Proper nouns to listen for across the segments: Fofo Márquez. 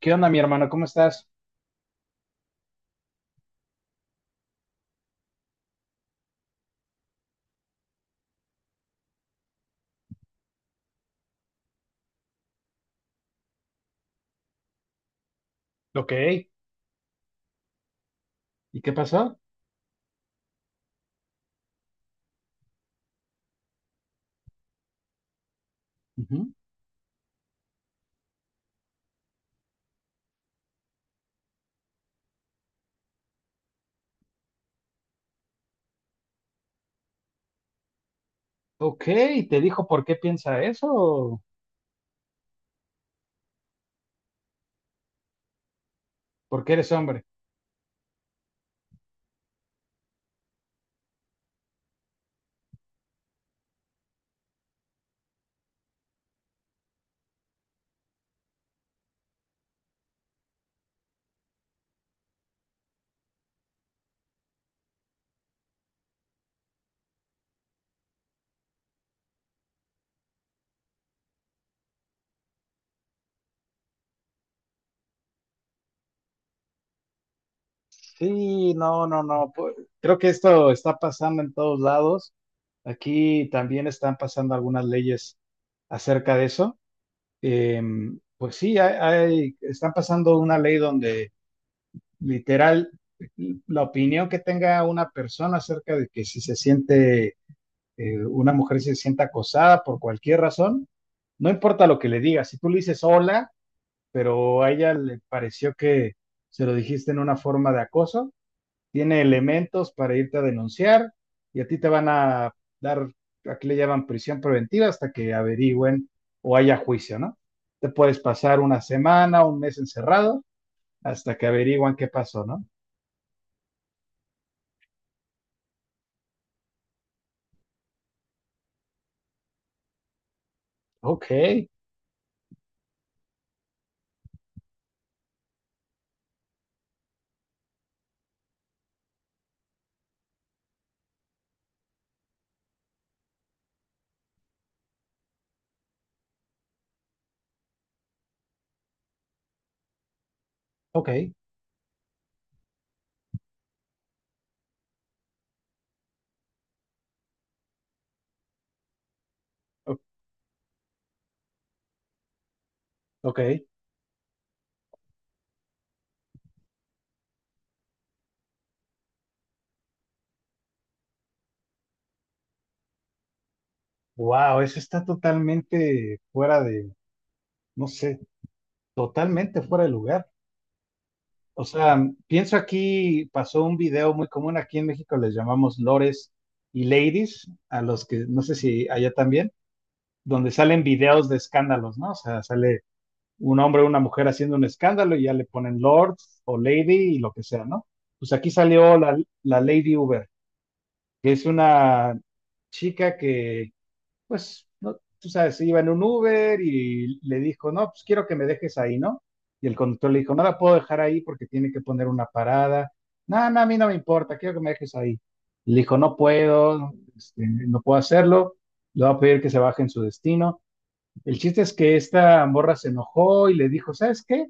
¿Qué onda, mi hermano? ¿Cómo estás? Ok. ¿Y qué pasó? Ujú. Ok, ¿te dijo por qué piensa eso? ¿Por qué eres hombre? Sí, no, no, no, pues, creo que esto está pasando en todos lados. Aquí también están pasando algunas leyes acerca de eso. Pues sí, están pasando una ley donde literal la opinión que tenga una persona acerca de que si se siente una mujer se sienta acosada por cualquier razón, no importa lo que le digas, si tú le dices hola, pero a ella le pareció que se lo dijiste en una forma de acoso, tiene elementos para irte a denunciar y a ti te van a dar, aquí le llaman prisión preventiva hasta que averigüen o haya juicio, ¿no? Te puedes pasar una semana, un mes encerrado hasta que averigüen qué pasó, ¿no? Ok, ok, o- ok. Wow, eso está totalmente no sé, totalmente fuera de lugar. O sea, pienso aquí, pasó un video muy común. Aquí en México les llamamos lores y ladies, a los que no sé si allá también, donde salen videos de escándalos, ¿no? O sea, sale un hombre o una mujer haciendo un escándalo y ya le ponen lord o lady y lo que sea, ¿no? Pues aquí salió la Lady Uber, que es una chica que, pues, no, tú sabes, iba en un Uber y le dijo, no, pues quiero que me dejes ahí, ¿no? Y el conductor le dijo, no la puedo dejar ahí porque tiene que poner una parada. No, no, a mí no me importa, quiero que me dejes ahí. Y le dijo, no puedo, este, no puedo hacerlo, le voy a pedir que se baje en su destino. El chiste es que esta morra se enojó y le dijo, ¿sabes qué?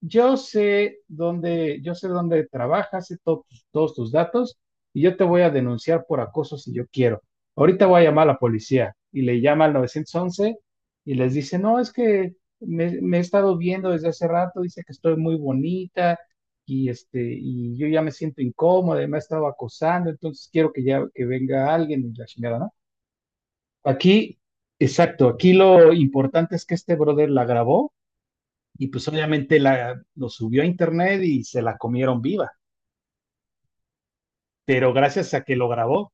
Yo sé dónde trabajas, sé todos tus datos y yo te voy a denunciar por acoso si yo quiero. Ahorita voy a llamar a la policía y le llama al 911 y les dice, no, es que me he estado viendo desde hace rato, dice que estoy muy bonita y, este, y yo ya me siento incómoda y me ha estado acosando, entonces quiero que ya que venga alguien y la chingada, ¿no? Aquí, exacto, aquí lo importante es que este brother la grabó y pues obviamente lo subió a internet y se la comieron viva, pero gracias a que lo grabó.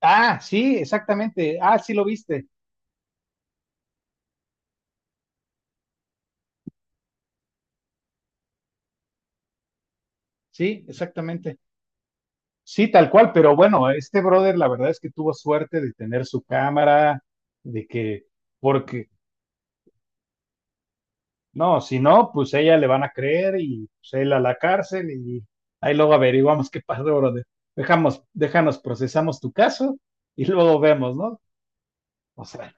Ah, sí, exactamente. Ah, sí, lo viste. Sí, exactamente. Sí, tal cual, pero bueno, este brother la verdad es que tuvo suerte de tener su cámara, de que, porque, no, si no, pues ella le van a creer y pues él a la cárcel y ahí luego averiguamos qué pasó, brother. Déjanos, procesamos tu caso y luego vemos, ¿no? O sea,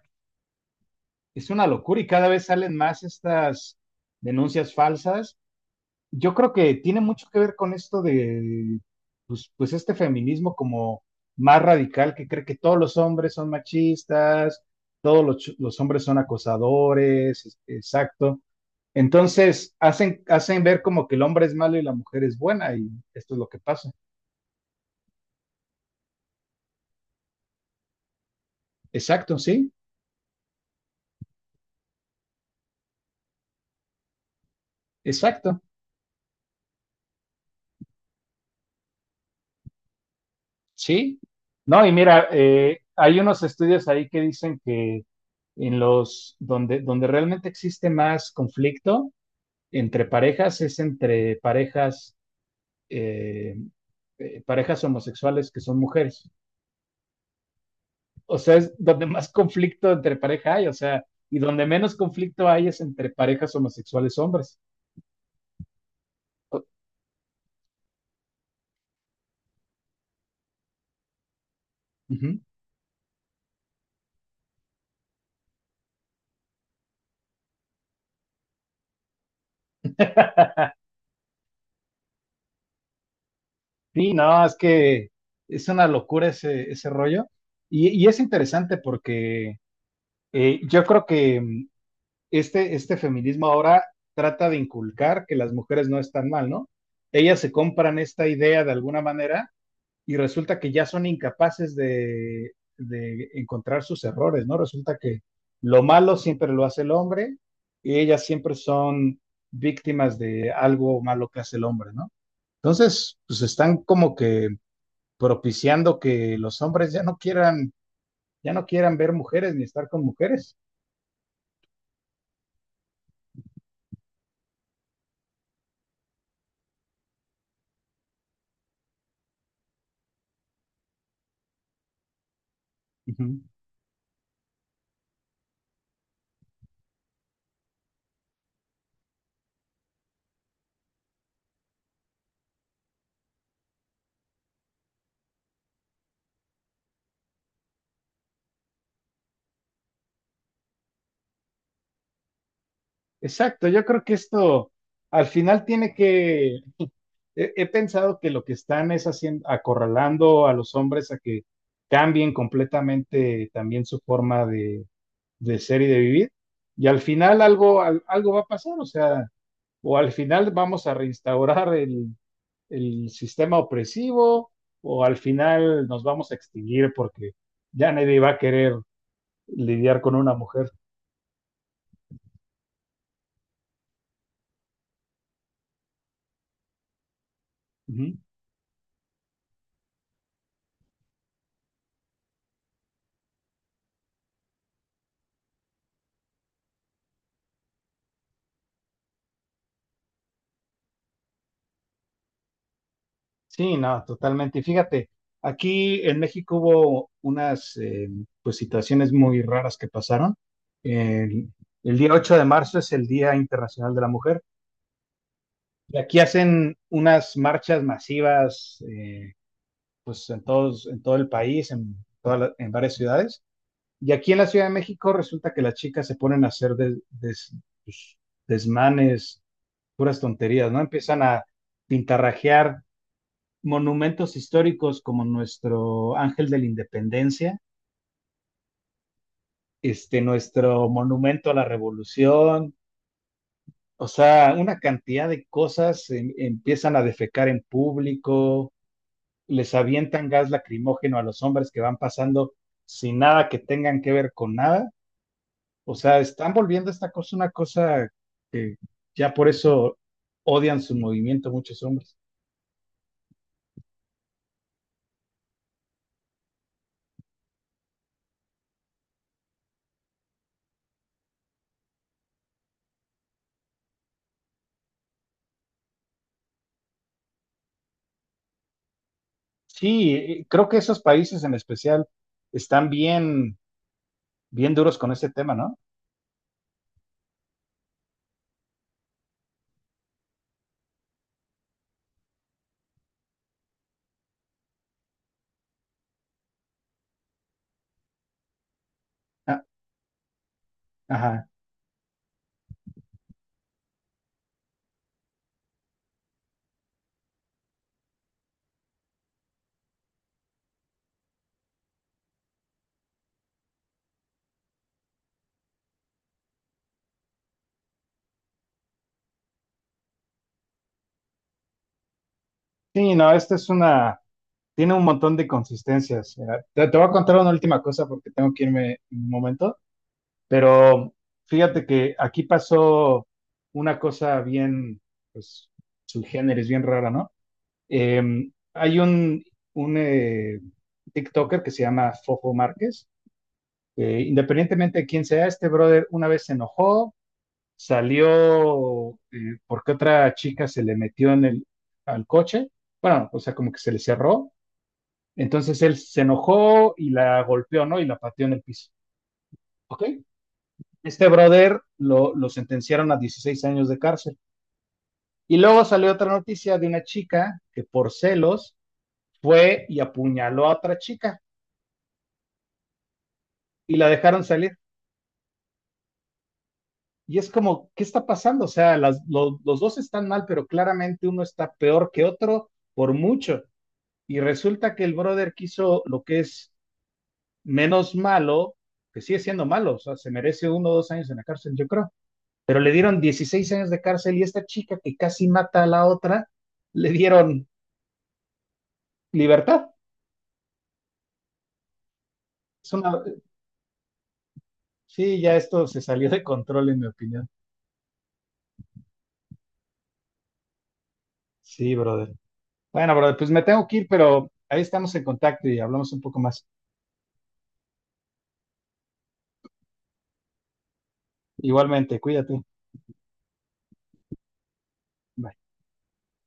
es una locura y cada vez salen más estas denuncias falsas. Yo creo que tiene mucho que ver con esto de, pues este feminismo como más radical que cree que todos los hombres son machistas, los hombres son acosadores, exacto. Entonces hacen ver como que el hombre es malo y la mujer es buena y esto es lo que pasa. Exacto, sí, exacto. Sí, no, y mira, hay unos estudios ahí que dicen que donde realmente existe más conflicto entre parejas es entre parejas, eh, parejas homosexuales que son mujeres. O sea, es donde más conflicto entre pareja hay, o sea, y donde menos conflicto hay es entre parejas homosexuales hombres. O- ujú. Sí, no, es que es una locura ese rollo. Y es interesante porque yo creo que este feminismo ahora trata de inculcar que las mujeres no están mal, ¿no? Ellas se compran esta idea de alguna manera y resulta que ya son incapaces de encontrar sus errores, ¿no? Resulta que lo malo siempre lo hace el hombre y ellas siempre son víctimas de algo malo que hace el hombre, ¿no? Entonces, pues están como que propiciando que los hombres ya no quieran, ver mujeres ni estar con mujeres. Uh -huh. Exacto, yo creo que esto al final he pensado que lo que están es haciendo, acorralando a los hombres a que cambien completamente también su forma de ser y de vivir, y al final algo va a pasar, o sea, o al final vamos a reinstaurar el sistema opresivo, o al final nos vamos a extinguir porque ya nadie va a querer lidiar con una mujer. Sí, no, totalmente. Y fíjate, aquí en México hubo unas pues situaciones muy raras que pasaron. El, el día 8 de marzo es el Día Internacional de la Mujer y aquí hacen unas marchas masivas, pues en todo el país, en varias ciudades. Y aquí en la Ciudad de México resulta que las chicas se ponen a hacer pues, desmanes, puras tonterías, ¿no? Empiezan a pintarrajear monumentos históricos como nuestro Ángel de la Independencia, este, nuestro monumento a la Revolución, o sea, una cantidad de cosas, empiezan a defecar en público, les avientan gas lacrimógeno a los hombres que van pasando sin nada que tengan que ver con nada. O sea, están volviendo esta cosa una cosa que ya por eso odian su movimiento muchos hombres. Sí, creo que esos países en especial están bien bien duros con este tema, ¿no? Ah, ajá. Sí, no, tiene un montón de consistencias. Mira, te voy a contar una última cosa porque tengo que irme un momento, pero fíjate que aquí pasó una cosa pues, su género es bien rara, ¿no? Hay un TikToker que se llama Fofo Márquez, que independientemente de quién sea, este brother una vez se enojó, salió, porque otra chica se le metió en al coche, bueno, o sea, como que se le cerró, entonces él se enojó y la golpeó, ¿no? Y la pateó en el piso, ¿ok? Este brother lo sentenciaron a 16 años de cárcel. Y luego salió otra noticia de una chica que por celos fue y apuñaló a otra chica y la dejaron salir. Y es como, ¿qué está pasando? O sea, los dos están mal, pero claramente uno está peor que otro por mucho. Y resulta que el brother quiso lo que es menos malo, que sigue siendo malo, o sea, se merece 1 o 2 años en la cárcel, yo creo. Pero le dieron 16 años de cárcel y esta chica que casi mata a la otra, le dieron libertad. Es una... Sí, ya esto se salió de control, en mi opinión. Sí, brother. Bueno, brother, pues me tengo que ir, pero ahí estamos en contacto y hablamos un poco más. Igualmente, cuídate. Bye.